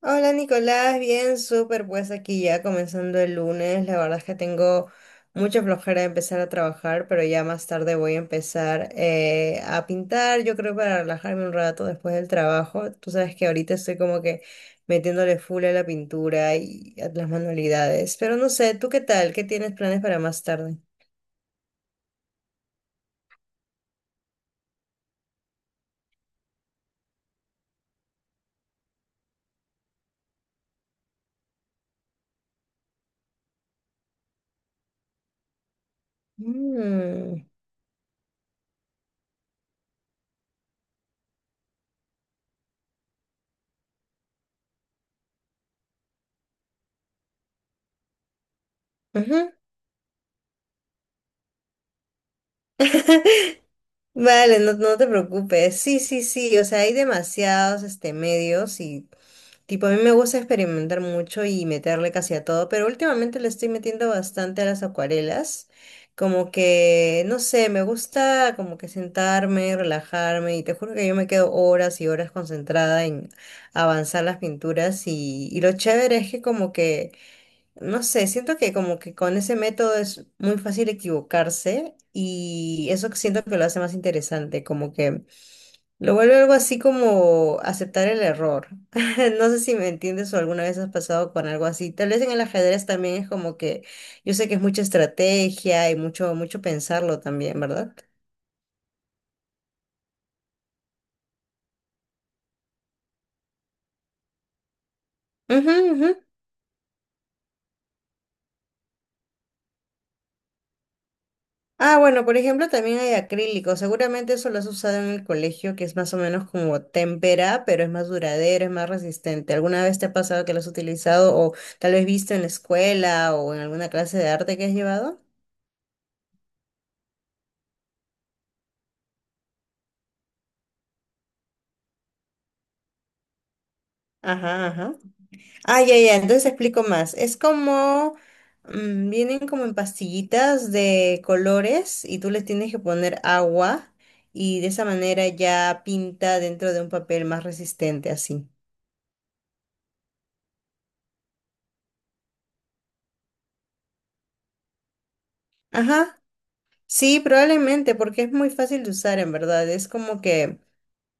Hola Nicolás, bien, súper, pues aquí ya comenzando el lunes, la verdad es que tengo mucha flojera de empezar a trabajar, pero ya más tarde voy a empezar a pintar, yo creo para relajarme un rato después del trabajo, tú sabes que ahorita estoy como que metiéndole full a la pintura y a las manualidades, pero no sé, ¿tú qué tal? ¿Qué tienes planes para más tarde? Mm, ujú. Vale, no, no te preocupes. Sí, sí, sí. O sea, hay demasiados medios y tipo, a mí me gusta experimentar mucho y meterle casi a todo, pero últimamente le estoy metiendo bastante a las acuarelas. Como que, no sé, me gusta como que sentarme, relajarme y te juro que yo me quedo horas y horas concentrada en avanzar las pinturas y lo chévere es que como que... No sé, siento que como que con ese método es muy fácil equivocarse y eso que siento que lo hace más interesante, como que lo vuelve algo así como aceptar el error. No sé si me entiendes o alguna vez has pasado con algo así. Tal vez en el ajedrez también es como que yo sé que es mucha estrategia y mucho mucho pensarlo también, ¿verdad? Ujú, ujú. Ah, bueno, por ejemplo, también hay acrílico. Seguramente eso lo has usado en el colegio, que es más o menos como témpera, pero es más duradero, es más resistente. ¿Alguna vez te ha pasado que lo has utilizado o tal vez visto en la escuela o en alguna clase de arte que has llevado? Ajá, ajá. Ah, ya, ya, entonces explico más. Es como, mm, vienen como en pastillitas de colores y tú les tienes que poner agua y de esa manera ya pinta dentro de un papel más resistente así. Ajá. Sí, probablemente, porque es muy fácil de usar en verdad. Es como que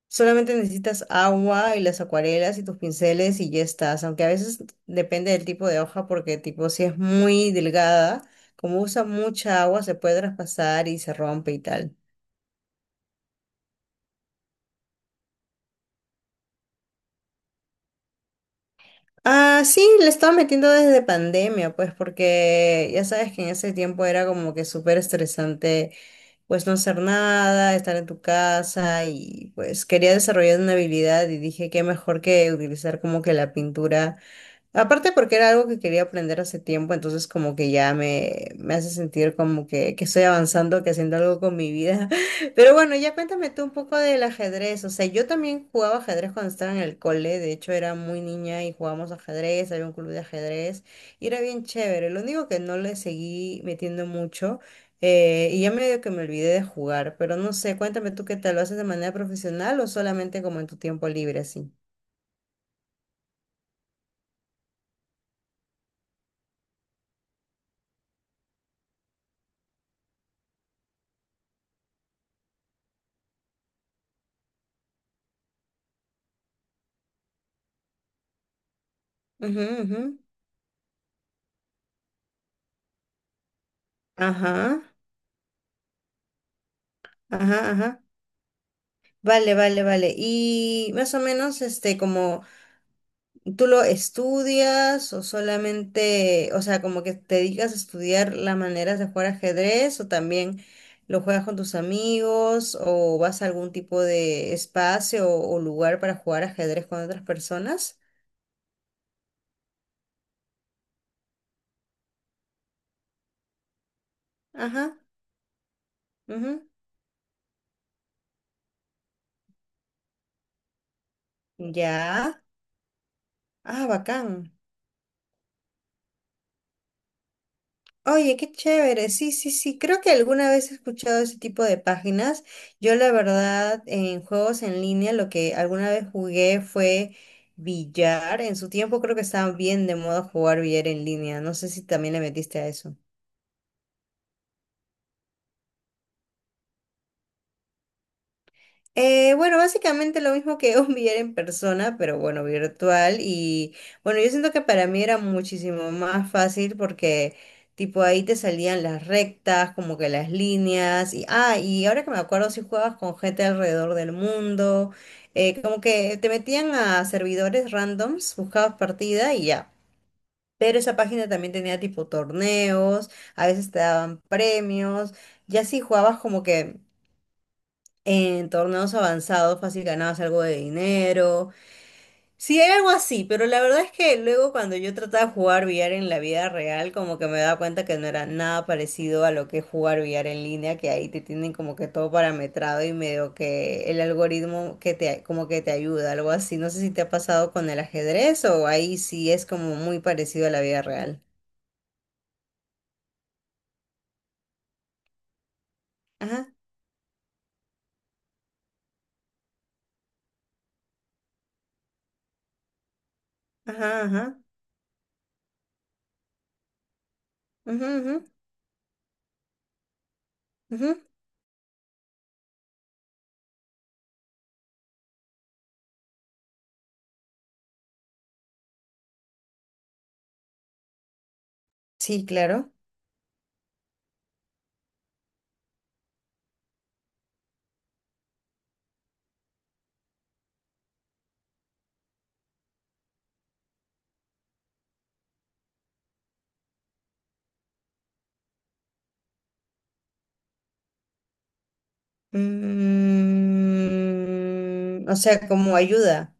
solamente necesitas agua y las acuarelas y tus pinceles y ya estás. Aunque a veces depende del tipo de hoja, porque tipo si es muy delgada, como usa mucha agua, se puede traspasar y se rompe y tal. Ah, sí, le estaba metiendo desde pandemia, pues porque ya sabes que en ese tiempo era como que súper estresante pues no hacer nada, estar en tu casa y pues quería desarrollar una habilidad y dije qué mejor que utilizar como que la pintura. Aparte porque era algo que quería aprender hace tiempo, entonces como que ya me hace sentir como que estoy avanzando, que haciendo algo con mi vida. Pero bueno, ya cuéntame tú un poco del ajedrez. O sea, yo también jugaba ajedrez cuando estaba en el cole, de hecho era muy niña y jugábamos ajedrez, había un club de ajedrez y era bien chévere. Lo único que no le seguí metiendo mucho y ya medio que me olvidé de jugar, pero no sé, cuéntame tú qué tal, ¿lo haces de manera profesional o solamente como en tu tiempo libre así? Ujú, ujú. Ajá. Ajá, ajá. Vale, vale, vale. Y más o menos, este, como tú lo estudias o solamente, o sea, como que te dedicas a estudiar las maneras de jugar ajedrez o también lo juegas con tus amigos o vas a algún tipo de espacio o lugar para jugar ajedrez con otras personas. Ajá, ujú. Ya. Ah, bacán. Oye, qué chévere. Sí, sí, sí. Creo que alguna vez he escuchado ese tipo de páginas. Yo, la verdad, en juegos en línea, lo que alguna vez jugué fue billar. En su tiempo creo que estaba bien de moda jugar billar en línea. No sé si también le metiste a eso. Bueno, básicamente lo mismo que un billar en persona, pero bueno, virtual. Y bueno, yo siento que para mí era muchísimo más fácil porque tipo ahí te salían las rectas, como que las líneas. Y, ah, y ahora que me acuerdo, si jugabas con gente alrededor del mundo, como que te metían a servidores randoms, buscabas partida y ya. Pero esa página también tenía tipo torneos, a veces te daban premios, ya si jugabas como que en torneos avanzados fácil ganabas algo de dinero. Sí, hay algo así, pero la verdad es que luego cuando yo trataba de jugar billar en la vida real, como que me daba cuenta que no era nada parecido a lo que es jugar billar en línea, que ahí te tienen como que todo parametrado y medio que el algoritmo que te como que te ayuda, algo así. No sé si te ha pasado con el ajedrez o ahí sí es como muy parecido a la vida real. Ajá, ajá, ajá. Ujú, ujú, ujú. Sí, claro. Mm, o sea, como ayuda.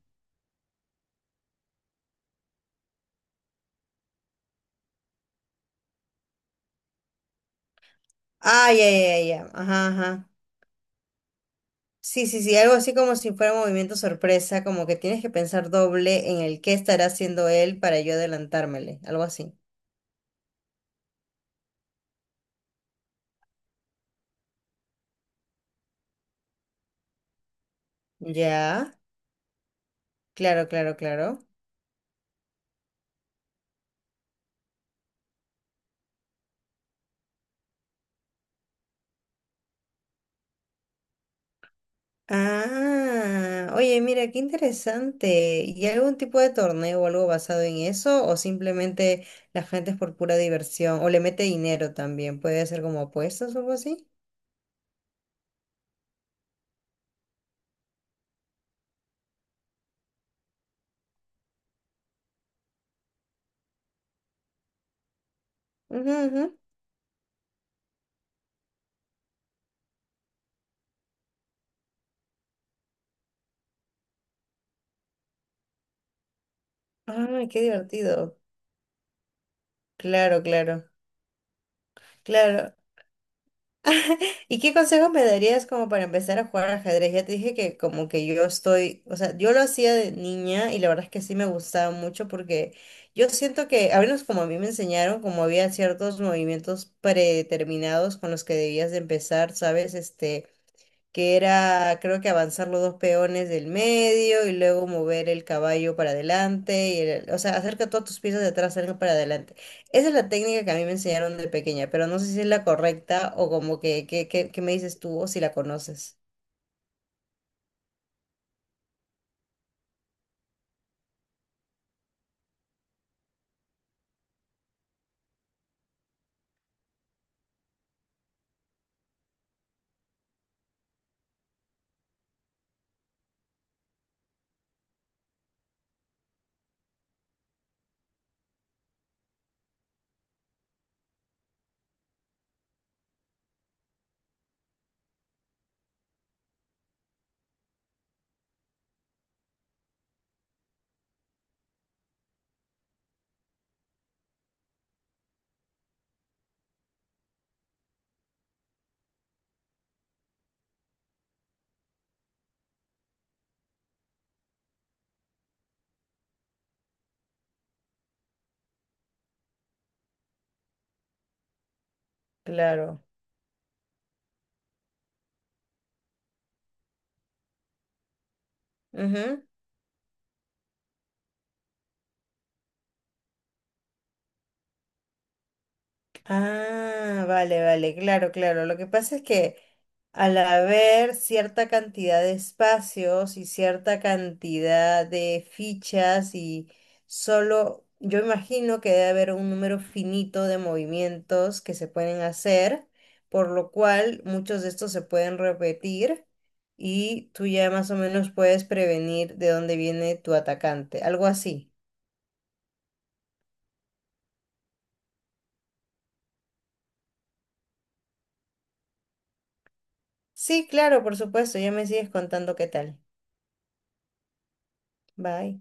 Ah, ya, ya, ya, ya. Ajá, ajá. Sí, sí, sí, algo así como si fuera movimiento sorpresa, como que tienes que pensar doble en el qué estará haciendo él para yo adelantármele, algo así. Ya, claro, claro, claro. Ah, oye, mira, qué interesante. ¿Y algún tipo de torneo o algo basado en eso? ¿O simplemente la gente es por pura diversión? ¿O le mete dinero también? ¿Puede ser como apuestas o algo así? Ujú, ujú. Ay, qué divertido. Claro, claro, claro. ¿Y qué consejos me darías como para empezar a jugar ajedrez? Ya te dije que como que yo estoy, o sea, yo lo hacía de niña y la verdad es que sí me gustaba mucho porque yo siento que, al menos como a mí me enseñaron, como había ciertos movimientos predeterminados con los que debías de empezar, ¿sabes? Este, que era creo que avanzar los dos peones del medio y luego mover el caballo para adelante, o sea, hacer que todas tus piezas de atrás salgan para adelante. Esa es la técnica que a mí me enseñaron de pequeña, pero no sé si es la correcta o como que me dices tú o si la conoces. Claro. Ujú. Ah, vale, vale, claro, claro. Lo que pasa es que al haber cierta cantidad de espacios y cierta cantidad de fichas y solo, yo imagino que debe haber un número finito de movimientos que se pueden hacer, por lo cual muchos de estos se pueden repetir y tú ya más o menos puedes prevenir de dónde viene tu atacante, algo así. Sí, claro, por supuesto, ya me sigues contando qué tal. Bye.